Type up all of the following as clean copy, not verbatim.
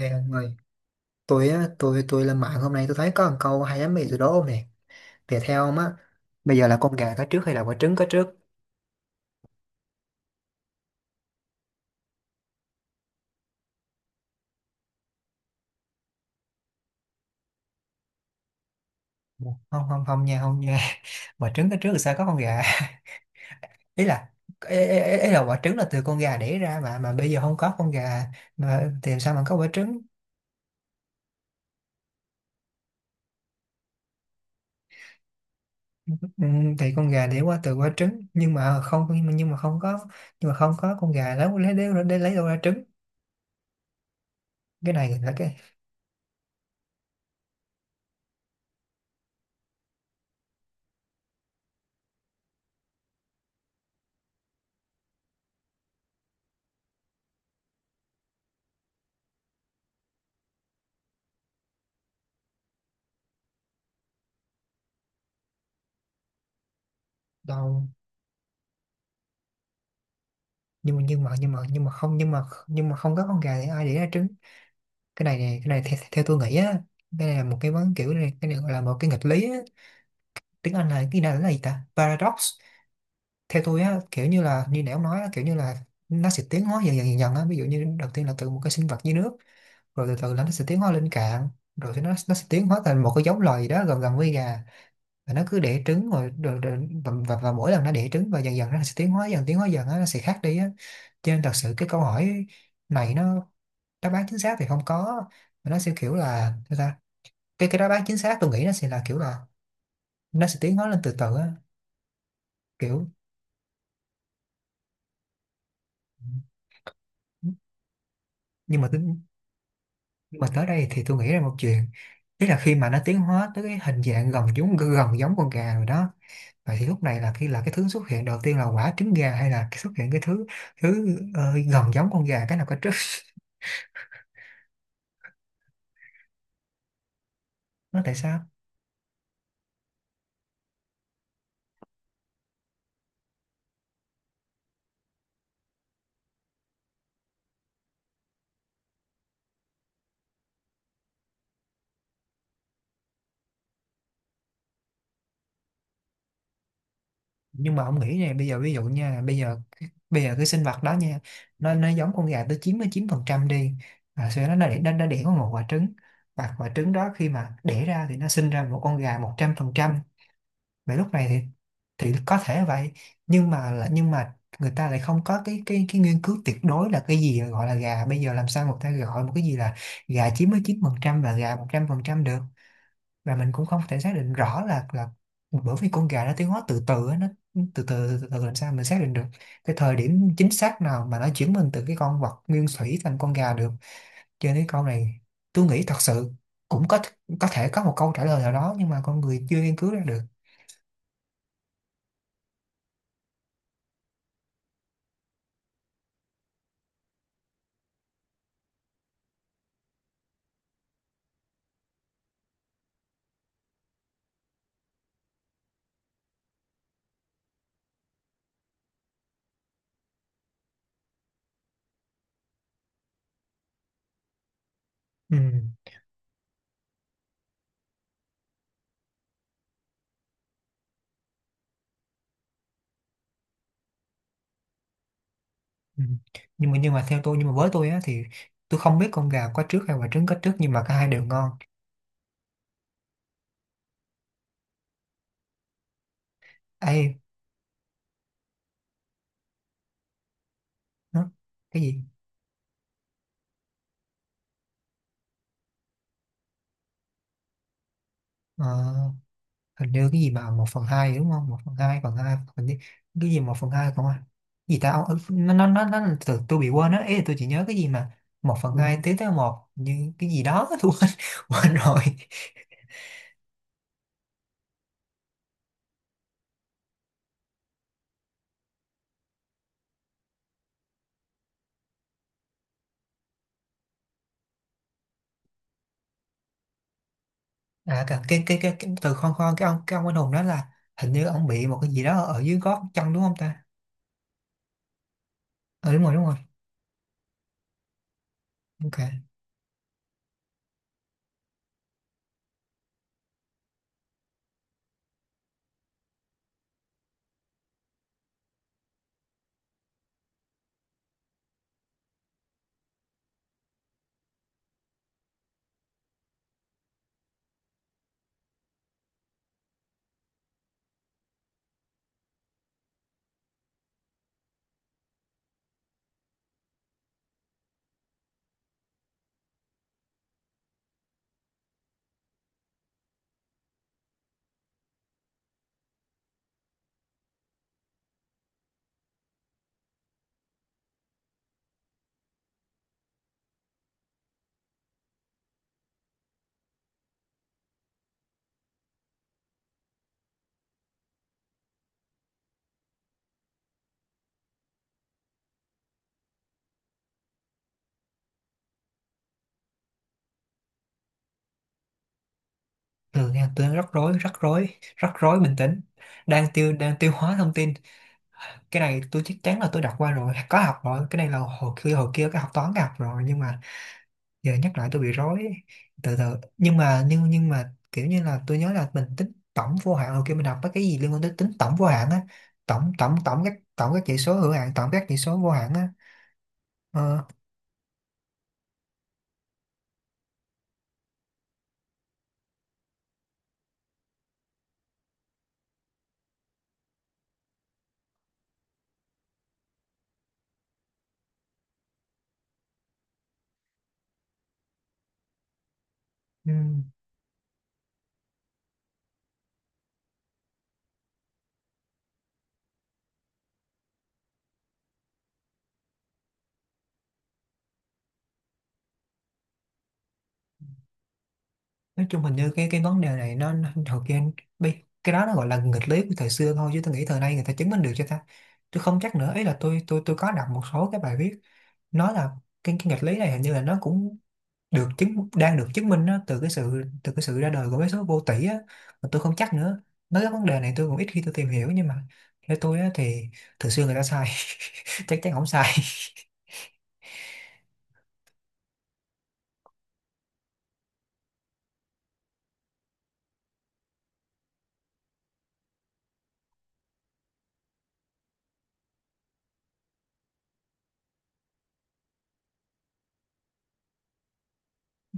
Này ông ơi, tôi á, tôi lên mạng hôm nay tôi thấy có một câu hay lắm bây giờ đó ông nè. Thì theo ông á, bây giờ là con gà có trước hay là quả trứng có trước? Không, không, không nha, không nha. Quả trứng có trước thì sao có con gà? Ý là ý, ý, ý ý là quả trứng là từ con gà đẻ ra mà bây giờ không có con gà mà thì làm sao mà có quả trứng? Ừ, thì con gà đẻ qua từ quả trứng nhưng mà không có nhưng mà không có con gà lấy đâu ra trứng. Cái này là cái đâu. Nhưng mà nhưng mà nhưng mà nhưng mà không nhưng mà nhưng mà không có con gà thì ai để ra trứng? Cái này nè, cái này theo, theo tôi nghĩ á, cái này là một cái kiểu này, cái này gọi là một cái nghịch lý á. Tiếng Anh là cái này là gì ta, paradox? Theo tôi á, kiểu như là như nãy ông nói á, kiểu như là nó sẽ tiến hóa dần dần á, ví dụ như đầu tiên là từ một cái sinh vật dưới nước, rồi từ từ là nó sẽ tiến hóa lên cạn, rồi thì nó sẽ tiến hóa thành một cái giống loài gì đó gần gần với gà, và nó cứ đẻ trứng rồi và mỗi lần nó đẻ trứng và dần dần nó sẽ tiến hóa dần, tiến hóa dần á, nó sẽ khác đi á. Cho nên thật sự cái câu hỏi này nó đáp án chính xác thì không có, mà nó sẽ kiểu là sao ta, cái đáp án chính xác tôi nghĩ nó sẽ là kiểu là nó sẽ tiến hóa lên từ từ á kiểu. nhưng mà tính- nhưng mà tới đây thì tôi nghĩ ra một chuyện, tức là khi mà nó tiến hóa tới cái hình dạng gần giống con gà rồi đó, vậy thì lúc này là khi là cái thứ xuất hiện đầu tiên là quả trứng gà hay là cái xuất hiện cái thứ thứ ờ, gần giống con gà, cái nào cái trước? Nó tại sao? Nhưng mà ông nghĩ này, bây giờ ví dụ nha, là bây giờ, bây giờ cái sinh vật đó nha, nó giống con gà tới 99 phần trăm đi, sau đó nó đẻ nó đẻ có một quả trứng, và quả trứng đó khi mà đẻ ra thì nó sinh ra một con gà 100 phần trăm. Vậy lúc này thì có thể vậy, nhưng mà là nhưng mà người ta lại không có cái nghiên cứu tuyệt đối là cái gì gọi là gà, bây giờ làm sao người ta gọi một cái gì là gà 99 phần trăm và gà 100 phần trăm được, và mình cũng không thể xác định rõ là bởi vì con gà nó tiến hóa từ từ á, nó từ từ, từ từ làm sao mình xác định được cái thời điểm chính xác nào mà nó chuyển mình từ cái con vật nguyên thủy thành con gà được. Cho nên câu này tôi nghĩ thật sự cũng có thể có một câu trả lời nào đó nhưng mà con người chưa nghiên cứu ra được. Ừ. Ừ. Nhưng mà theo tôi nhưng mà với tôi á thì tôi không biết con gà có trước hay quả trứng có trước, nhưng mà cả hai đều ngon. Ê, nó, cái gì? Ờ, hình như cái gì mà một phần hai đúng không, một phần hai hình như cái gì một phần hai không à? Gì ta? Ờ, nó từ tôi bị quên á, ý là tôi chỉ nhớ cái gì mà một phần, Ừ, hai tiến tới một như cái gì đó. Tôi quên, quên rồi. À cả cái từ, khoan khoan cái ông anh hùng đó là hình như ông bị một cái gì đó ở dưới gót chân đúng không ta? Ừ, đúng rồi. Ok, từ nha, tôi đang rắc rối, bình tĩnh, đang tiêu hóa thông tin. Cái này tôi chắc chắn là tôi đọc qua rồi, có học rồi, cái này là hồi kia cái học toán cái học rồi, nhưng mà giờ nhắc lại tôi bị rối ấy. Từ từ. Nhưng mà kiểu như là tôi nhớ là mình tính tổng vô hạn hồi kia, mình đọc mấy cái gì liên quan tới tính tổng vô hạn á, tổng tổng tổng các chỉ số hữu hạn, tổng các chỉ số vô hạn á. Ờ, ừm, nói chung hình như cái vấn đề này nó hồi kia, bi- cái đó nó gọi là nghịch lý của thời xưa thôi chứ tôi nghĩ thời nay người ta chứng minh được cho ta. Tôi không chắc nữa ấy, là tôi có đọc một số cái bài viết nói là cái nghịch lý này hình như là nó cũng được chứng đang được chứng minh á, từ cái sự ra đời của vé số vô tỷ á, mà tôi không chắc nữa. Nói cái vấn đề này tôi cũng ít khi tôi tìm hiểu, nhưng mà theo tôi á, thì thường xưa người ta sai, chắc chắn không sai.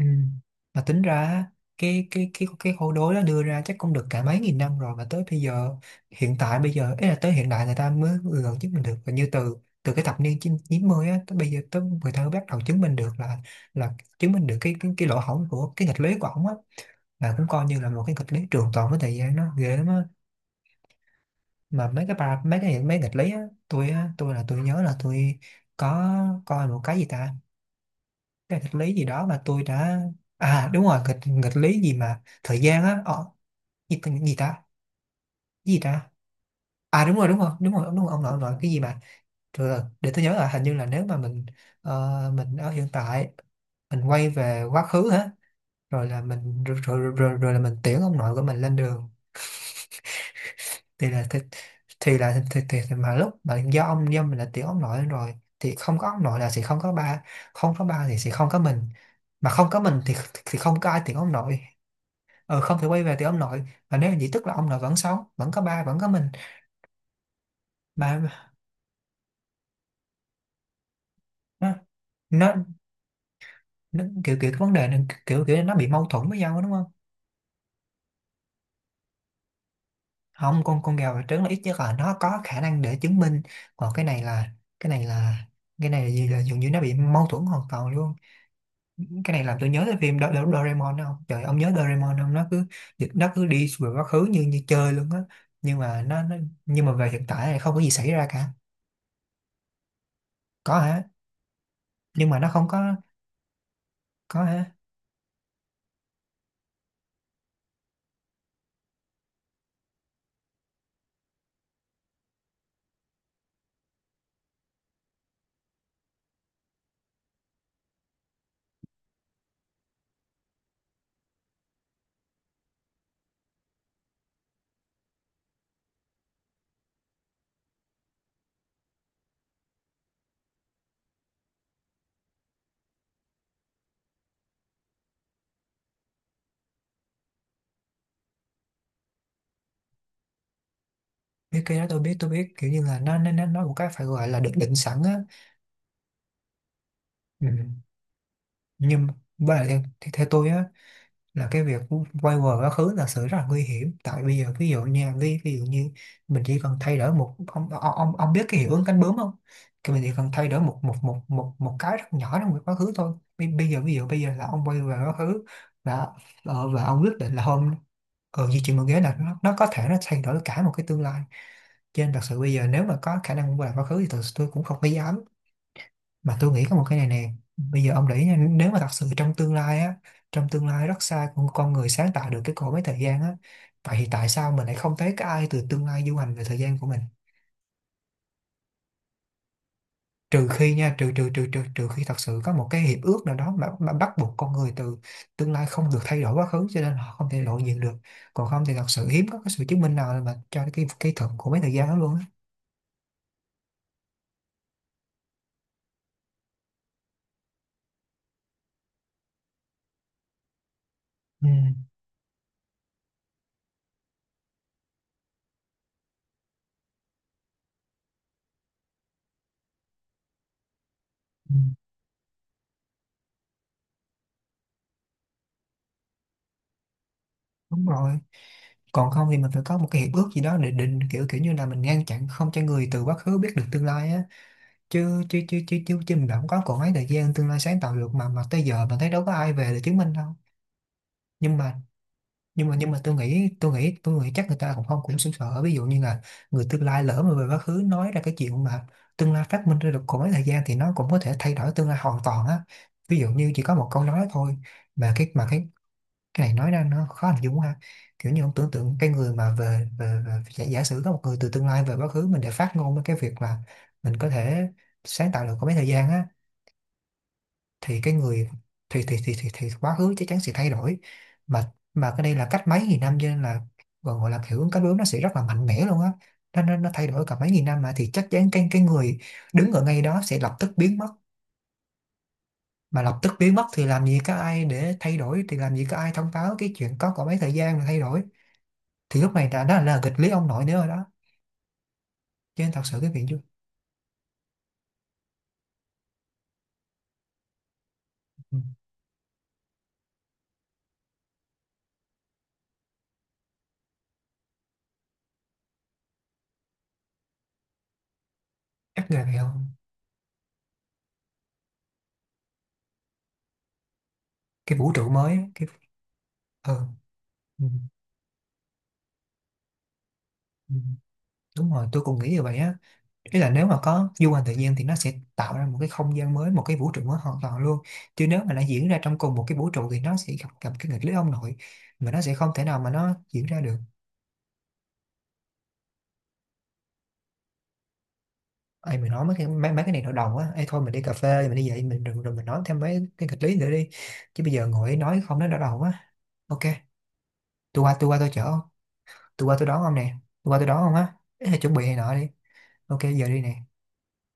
Ừ. Mà tính ra á, cái câu đối đó đưa ra chắc cũng được cả mấy nghìn năm rồi, mà tới bây giờ hiện tại bây giờ ấy là tới hiện đại người ta mới vừa gần chứng minh được, và như từ từ cái thập niên 90 á tới bây giờ tới người ta mới bắt đầu chứng minh được là chứng minh được cái lỗ hổng của cái nghịch lý của ổng á, là cũng coi như là một cái nghịch lý trường tồn với thời gian nó ghê lắm á. Mà mấy cái mấy nghịch lý á, tôi á, tôi nhớ là tôi có coi một cái gì ta, cái nghịch lý gì đó mà tôi đã, à đúng rồi, nghịch nghịch lý gì mà thời gian á, ờ, gì, gì ta? Cái gì ta? À, đúng rồi, ông nội cái gì mà rồi để tôi nhớ là hình như là nếu mà mình ờ, mình ở hiện tại, mình quay về quá khứ hả, rồi là mình rồi là mình tiễn ông nội của mình lên đường, thì là thì là thì mà lúc mà do ông do mình là tiểu ông nội rồi thì không có ông nội là sẽ không có ba, không có ba thì sẽ không có mình, mà không có mình thì không có ai tiểu ông nội, ờ không thể quay về tiểu ông nội. Mà nếu vậy tức là ông nội vẫn sống, vẫn có ba, vẫn có mình. Mà nó, nó, nó kiểu kiểu cái vấn đề này kiểu kiểu nó bị mâu thuẫn với nhau đó, đúng không? Không, con con gà và trứng là ít nhất là nó có khả năng để chứng minh, còn cái này là cái này là cái này là gì là dường như nó bị mâu thuẫn hoàn toàn luôn. Cái này làm tôi nhớ tới phim Do Do Doraemon đó không, trời, ông nhớ Doraemon không, nó cứ nó cứ đi về quá khứ như như chơi luôn á. Nhưng mà nó, nó nhưng mà về hiện tại thì không có gì xảy ra cả. Có hả? Nhưng mà nó không có. Có hả? Biết cái đó tôi biết, tôi biết kiểu như là nó một cái phải gọi là được định sẵn á. Ừ. Nhưng mà theo tôi á là cái việc quay về quá khứ là sự rất là nguy hiểm. Tại bây giờ ví dụ nha, ví dụ như mình chỉ cần thay đổi một ông biết cái hiệu ứng cánh bướm không? Thì mình chỉ cần thay đổi một một một một một cái rất nhỏ trong quá khứ thôi. Bây giờ ví dụ bây giờ là ông quay về quá khứ và và ông quyết định là hôm ở di chuyển một ghế là nó có thể nó thay đổi cả một cái tương lai. Cho nên thật sự bây giờ nếu mà có khả năng quay lại quá khứ thì thật sự tôi cũng không có dám. Mà tôi nghĩ có một cái này nè, bây giờ ông để ý nha, nếu mà thật sự trong tương lai á, trong tương lai rất xa con người sáng tạo được cái cỗ máy thời gian á, vậy thì tại sao mình lại không thấy cái ai từ tương lai du hành về thời gian của mình? Trừ khi nha, trừ trừ trừ trừ trừ khi thật sự có một cái hiệp ước nào đó mà bắt buộc con người từ tương lai không được thay đổi quá khứ cho nên họ không thể lộ diện được. Còn không thì thật sự hiếm có cái sự chứng minh nào mà cho cái thuật của mấy thời gian đó luôn á. Ừ. Đúng rồi, còn không thì mình phải có một cái hiệp ước gì đó để định kiểu kiểu như là mình ngăn chặn không cho người từ quá khứ biết được tương lai á. Chứ chứ chứ chứ chứ, chứ mình không có còn mấy thời gian tương lai sáng tạo được mà tới giờ mình thấy đâu có ai về để chứng minh đâu. Nhưng mà tôi nghĩ chắc người ta cũng không cũng sững sờ. Ví dụ như là người tương lai lỡ mà về quá khứ nói ra cái chuyện mà tương lai phát minh ra được còn mấy thời gian thì nó cũng có thể thay đổi tương lai hoàn toàn á. Ví dụ như chỉ có một câu nói thôi mà cái này nói ra nó khó hình dung quá ha. Kiểu như ông tưởng tượng cái người mà về giả sử có một người từ tương lai về quá khứ mình để phát ngôn với cái việc mà mình có thể sáng tạo được có mấy thời gian á, thì cái người thì quá khứ chắc chắn sẽ thay đổi. Mà cái đây là cách mấy nghìn năm cho nên là gọi gọi là hiệu ứng cảm bướm, nó sẽ rất là mạnh mẽ luôn á. Nó thay đổi cả mấy nghìn năm mà thì chắc chắn cái người đứng ở ngay đó sẽ lập tức biến mất. Mà lập tức biến mất thì làm gì có ai để thay đổi, thì làm gì có ai thông báo cái chuyện có mấy thời gian mà thay đổi. Thì lúc này đã là nghịch lý ông nội nữa rồi đó. Cho nên thật sự cái việc du. Ừ, chắc là vậy không? Cái vũ trụ mới á, cái ừ, ừ, ừ. Đúng rồi, tôi cũng nghĩ như vậy á. Ý là nếu mà có du hành tự nhiên thì nó sẽ tạo ra một cái không gian mới, một cái vũ trụ mới hoàn toàn luôn. Chứ nếu mà nó diễn ra trong cùng một cái vũ trụ thì nó sẽ gặp gặp cái nghịch lý ông nội mà nó sẽ không thể nào mà nó diễn ra được. Ai mình nói mấy cái mấy cái này đầu đầu á, ai thôi mình đi cà phê mình đi vậy mình, rồi mình nói thêm mấy cái nghịch lý nữa đi. Chứ bây giờ ngồi nói không nói đau đầu á. OK. Tôi qua tôi chở. Tôi qua tôi đón ông nè. Tôi qua tôi đón ông á. Ê, chuẩn bị này nọ đi. OK giờ đi nè.